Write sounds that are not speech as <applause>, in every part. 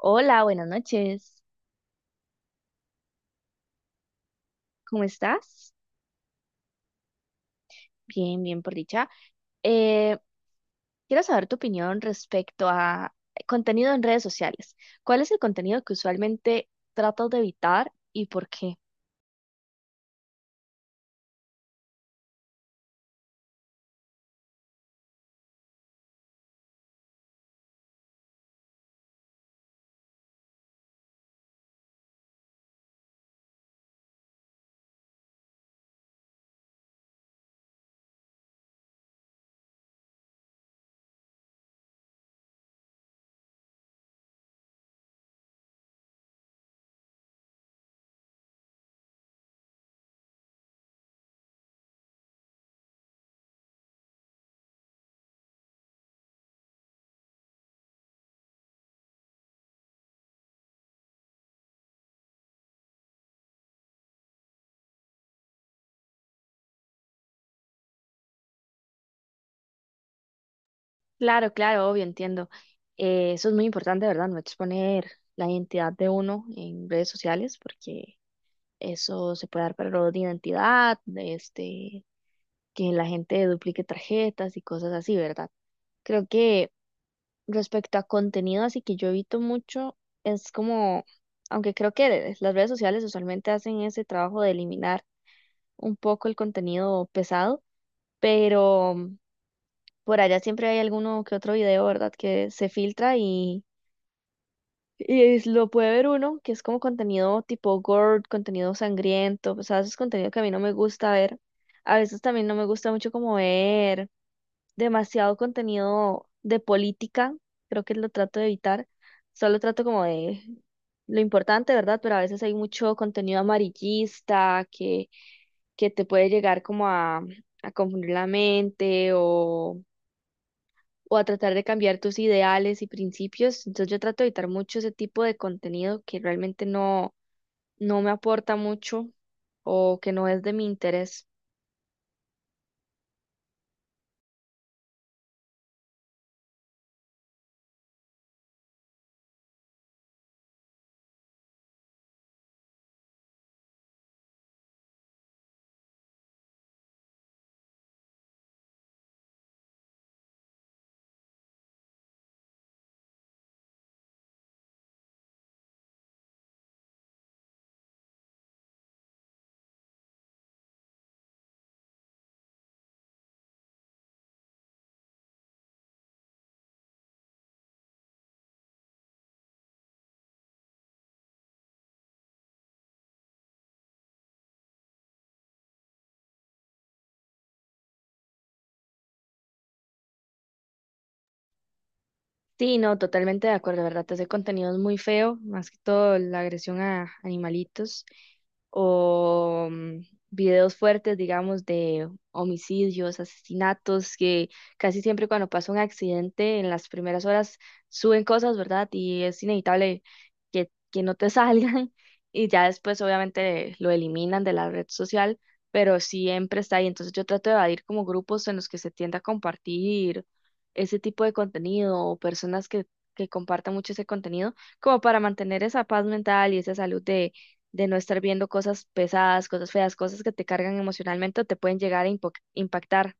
Hola, buenas noches. ¿Cómo estás? Bien, bien, por dicha. Eh, quiero saber tu opinión respecto a contenido en redes sociales. ¿Cuál es el contenido que usualmente tratas de evitar y por qué? Claro, claro, obvio, entiendo. Eso es muy importante, ¿verdad? No exponer la identidad de uno en redes sociales porque eso se puede dar para de identidad, este, que la gente duplique tarjetas y cosas así, ¿verdad? Creo que respecto a contenido, así que yo evito mucho, es como, aunque creo que las redes sociales usualmente hacen ese trabajo de eliminar un poco el contenido pesado, pero por allá siempre hay alguno que otro video, ¿verdad? Que se filtra y es- lo puede ver uno, que es como contenido tipo gore, contenido sangriento, o sea, es contenido que a mí no me gusta ver. A veces también no me gusta mucho como ver demasiado contenido de política, creo que lo trato de evitar, solo trato como de lo importante, ¿verdad? Pero a veces hay mucho contenido amarillista que te puede llegar como a confundir la mente o a tratar de cambiar tus ideales y principios. Entonces yo trato de evitar mucho ese tipo de contenido que realmente no me aporta mucho o que no es de mi interés. Sí, no, totalmente de acuerdo, ¿verdad? Te hace contenido es muy feo, más que todo la agresión a animalitos o videos fuertes, digamos, de homicidios, asesinatos, que casi siempre cuando pasa un accidente en las primeras horas suben cosas, ¿verdad? Y es inevitable que no te <laughs> salgan y ya después obviamente lo eliminan de la red social, pero siempre está ahí. Entonces yo trato de evadir como grupos en los que se tiende a compartir ese tipo de contenido o personas que compartan mucho ese contenido, como para mantener esa paz mental y esa salud de no estar viendo cosas pesadas, cosas feas, cosas que te cargan emocionalmente o te pueden llegar a impo- impactar.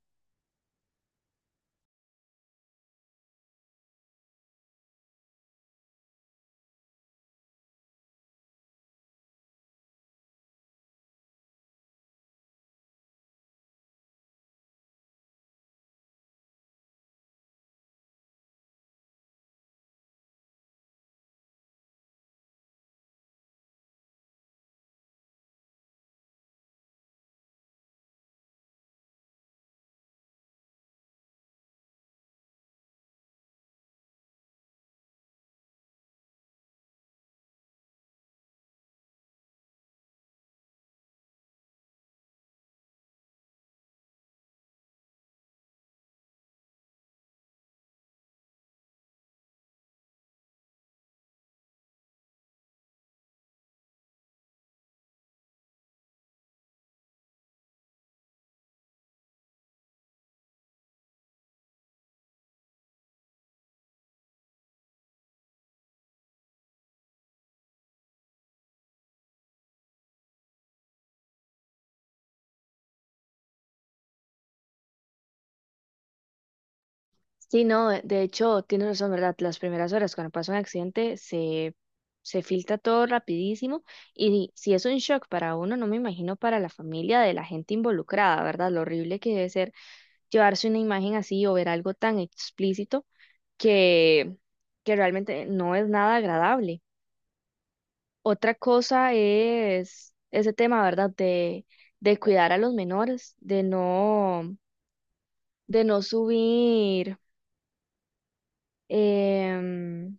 Sí, no, de hecho, tienes razón, ¿verdad? Las primeras horas cuando pasa un accidente se filtra todo rapidísimo y si es un shock para uno, no me imagino para la familia de la gente involucrada, ¿verdad? Lo horrible que debe ser llevarse una imagen así o ver algo tan explícito que, que realmente no es nada agradable. Otra cosa es ese tema, ¿verdad? De cuidar a los menores, de no subir em,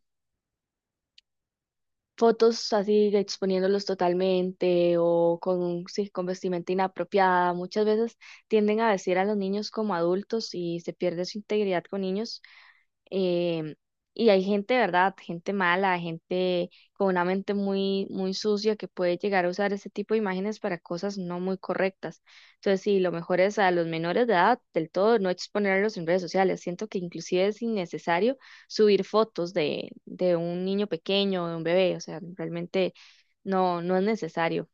fotos así exponiéndolos totalmente o con, sí, con vestimenta inapropiada. Muchas veces tienden a vestir a los niños como adultos y se pierde su integridad con niños em, y hay gente, ¿verdad? Gente mala, gente con una mente muy, muy sucia que puede llegar a usar ese tipo de imágenes para cosas no muy correctas. Entonces, sí, lo mejor es a los menores de edad del todo no exponerlos en redes sociales. Siento que inclusive es innecesario subir fotos de un niño pequeño, de un bebé. O sea, realmente no es necesario.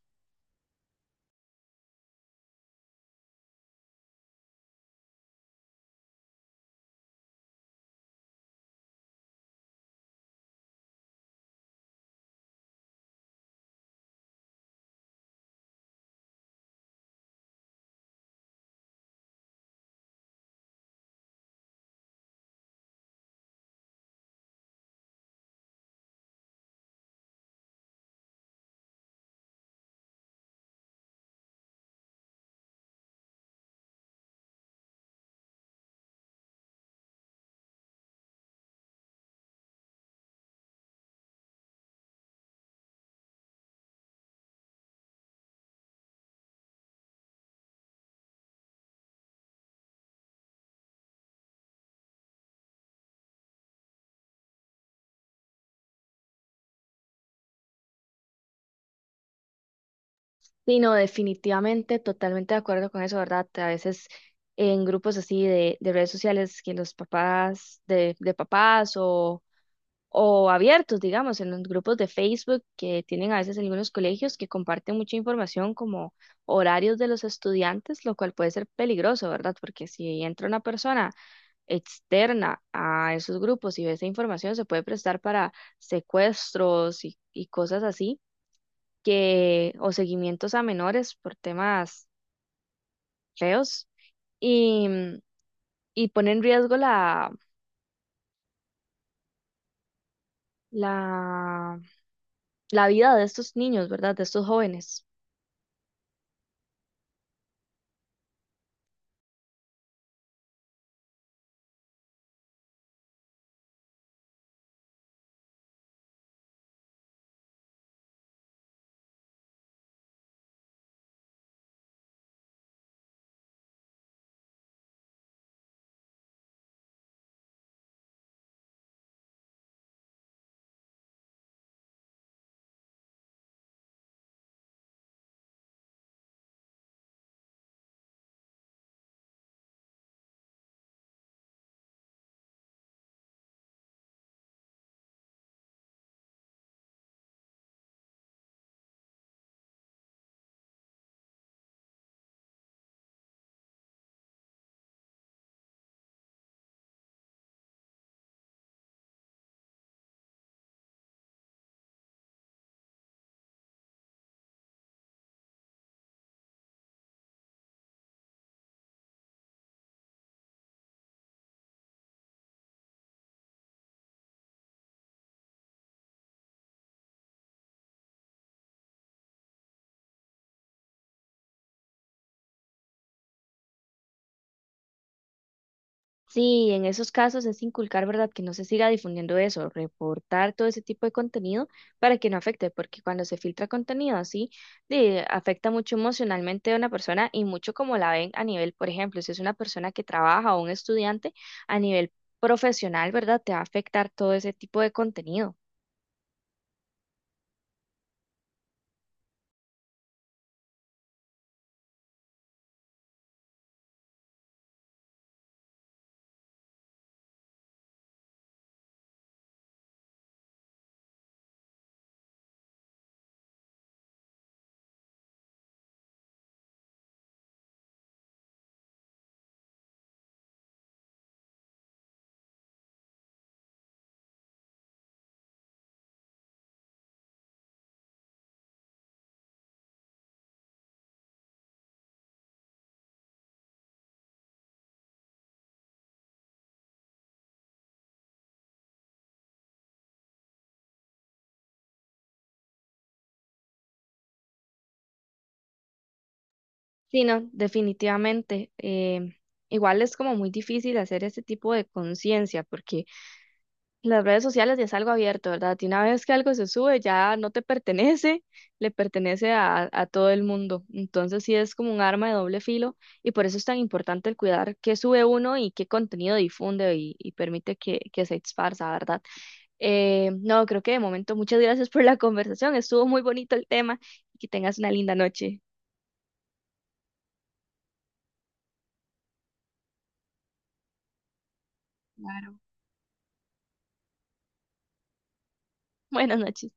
Sí, no, definitivamente, totalmente de acuerdo con eso, ¿verdad? A veces en grupos así de redes sociales, que los papás de papás o abiertos, digamos, en los grupos de Facebook que tienen a veces algunos colegios que comparten mucha información como horarios de los estudiantes, lo cual puede ser peligroso, ¿verdad? Porque si entra una persona externa a esos grupos y ve esa información, se puede prestar para secuestros y cosas así que, o seguimientos a menores por temas feos y, y pone en riesgo la, la vida de estos niños, ¿verdad? De estos jóvenes. Sí, en esos casos es inculcar, ¿verdad? Que no se siga difundiendo eso, reportar todo ese tipo de contenido para que no afecte, porque cuando se filtra contenido así, de- afecta mucho emocionalmente a una persona y mucho como la ven a nivel, por ejemplo, si es una persona que trabaja o un estudiante a nivel profesional, ¿verdad? Te va a afectar todo ese tipo de contenido. Sí, no, definitivamente. Igual es como muy difícil hacer ese tipo de conciencia, porque las redes sociales ya es algo abierto, ¿verdad? Y una vez que algo se sube, ya no te pertenece, le pertenece a todo el mundo. Entonces sí es como un arma de doble filo y por eso es tan importante el cuidar qué sube uno y qué contenido difunde y permite que se esparza, ¿verdad? No, creo que de momento muchas gracias por la conversación. Estuvo muy bonito el tema y que tengas una linda noche. Claro. Buenas noches.